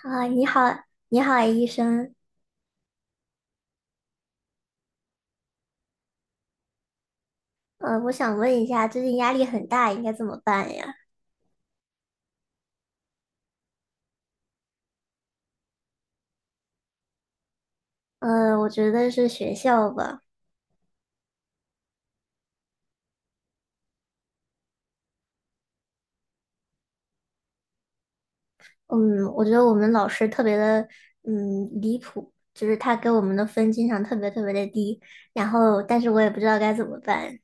啊，你好，你好，医生。我想问一下，最近压力很大，应该怎么办呀？我觉得是学校吧。嗯，我觉得我们老师特别的，嗯，离谱，就是他给我们的分经常特别特别的低，然后，但是我也不知道该怎么办。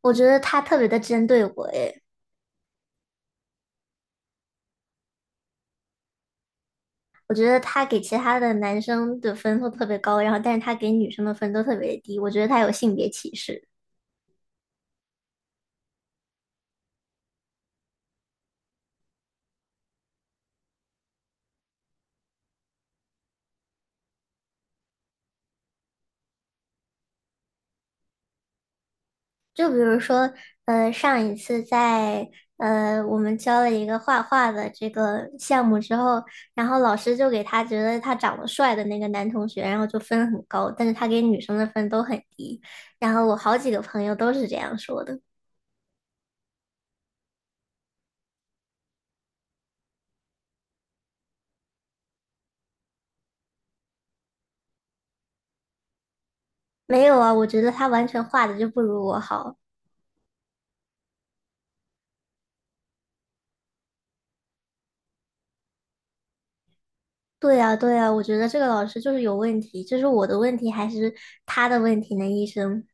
我觉得他特别的针对我，诶，我觉得他给其他的男生的分都特别高，然后，但是他给女生的分都特别低，我觉得他有性别歧视。就比如说，上一次在我们教了一个画画的这个项目之后，然后老师就给他觉得他长得帅的那个男同学，然后就分很高，但是他给女生的分都很低。然后我好几个朋友都是这样说的。没有啊，我觉得他完全画的就不如我好。对呀，对呀，我觉得这个老师就是有问题，这是我的问题还是他的问题呢，医生？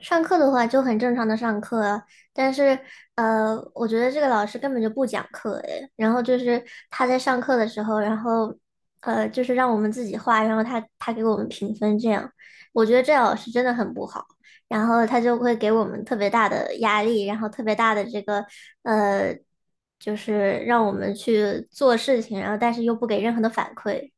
上课的话就很正常的上课啊，但是我觉得这个老师根本就不讲课诶，然后就是他在上课的时候，然后就是让我们自己画，然后他给我们评分这样，我觉得这老师真的很不好，然后他就会给我们特别大的压力，然后特别大的这个呃，就是让我们去做事情，然后但是又不给任何的反馈。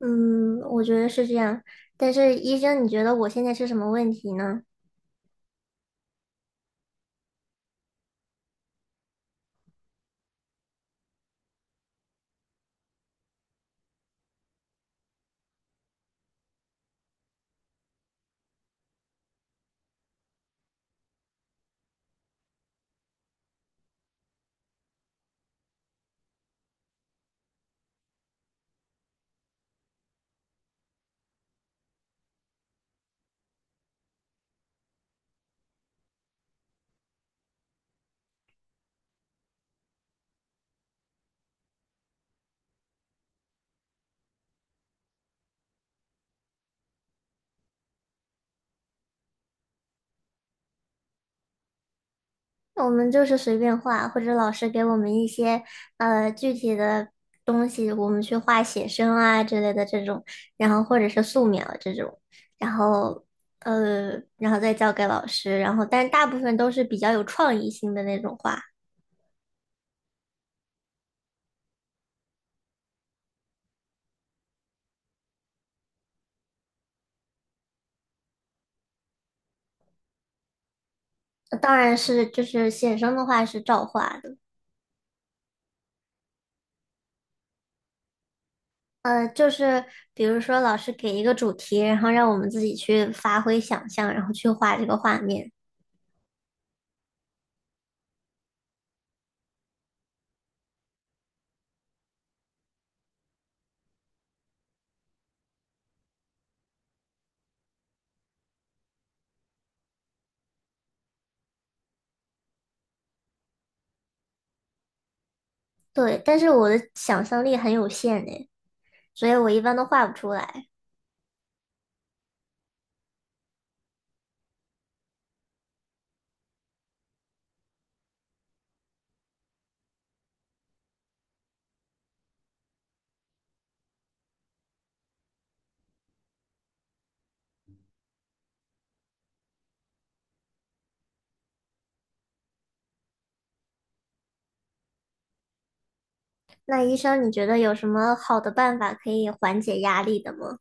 嗯，我觉得是这样，但是医生，你觉得我现在是什么问题呢？我们就是随便画，或者老师给我们一些具体的东西，我们去画写生啊之类的这种，然后或者是素描这种，然后然后再交给老师，然后但大部分都是比较有创意性的那种画。当然是就是写生的话是照画的。就是比如说老师给一个主题，然后让我们自己去发挥想象，然后去画这个画面。对，但是我的想象力很有限诶。所以我一般都画不出来。那医生，你觉得有什么好的办法可以缓解压力的吗？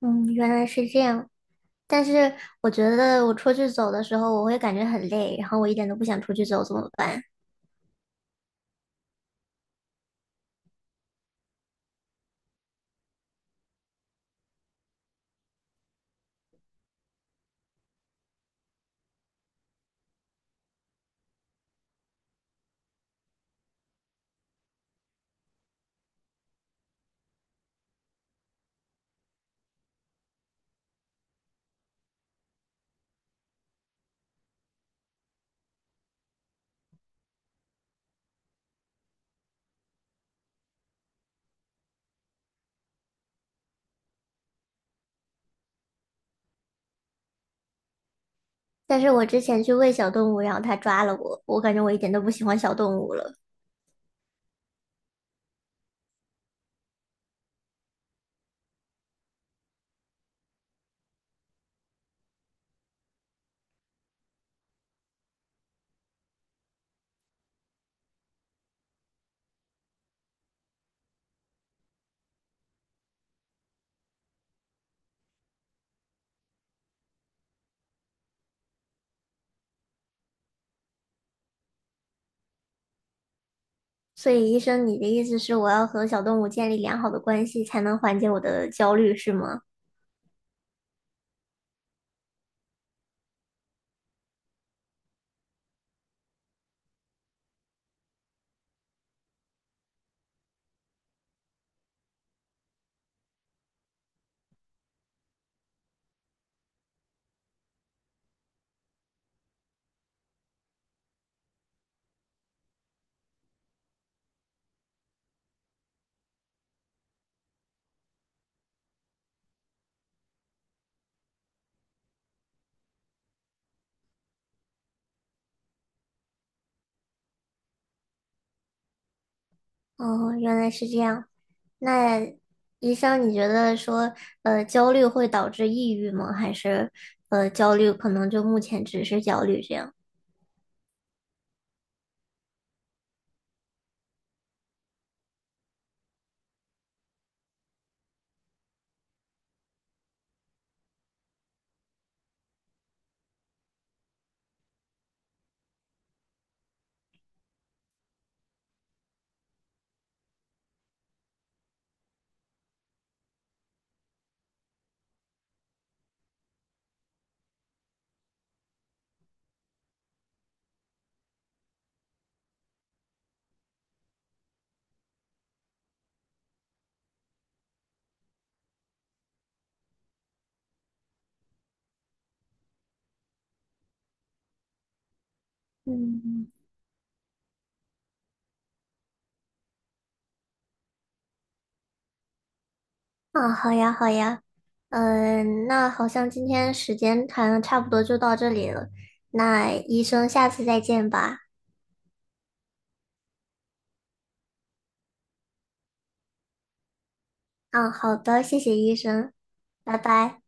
嗯，原来是这样。但是我觉得我出去走的时候，我会感觉很累，然后我一点都不想出去走，怎么办？但是我之前去喂小动物，然后它抓了我，我感觉我一点都不喜欢小动物了。所以医生，你的意思是我要和小动物建立良好的关系，才能缓解我的焦虑，是吗？哦，原来是这样。那医生，你觉得说，焦虑会导致抑郁吗？还是，焦虑可能就目前只是焦虑这样？嗯。啊，好呀，好呀。嗯，那好像今天时间谈的差不多就到这里了。那医生，下次再见吧。嗯，好的，谢谢医生，拜拜。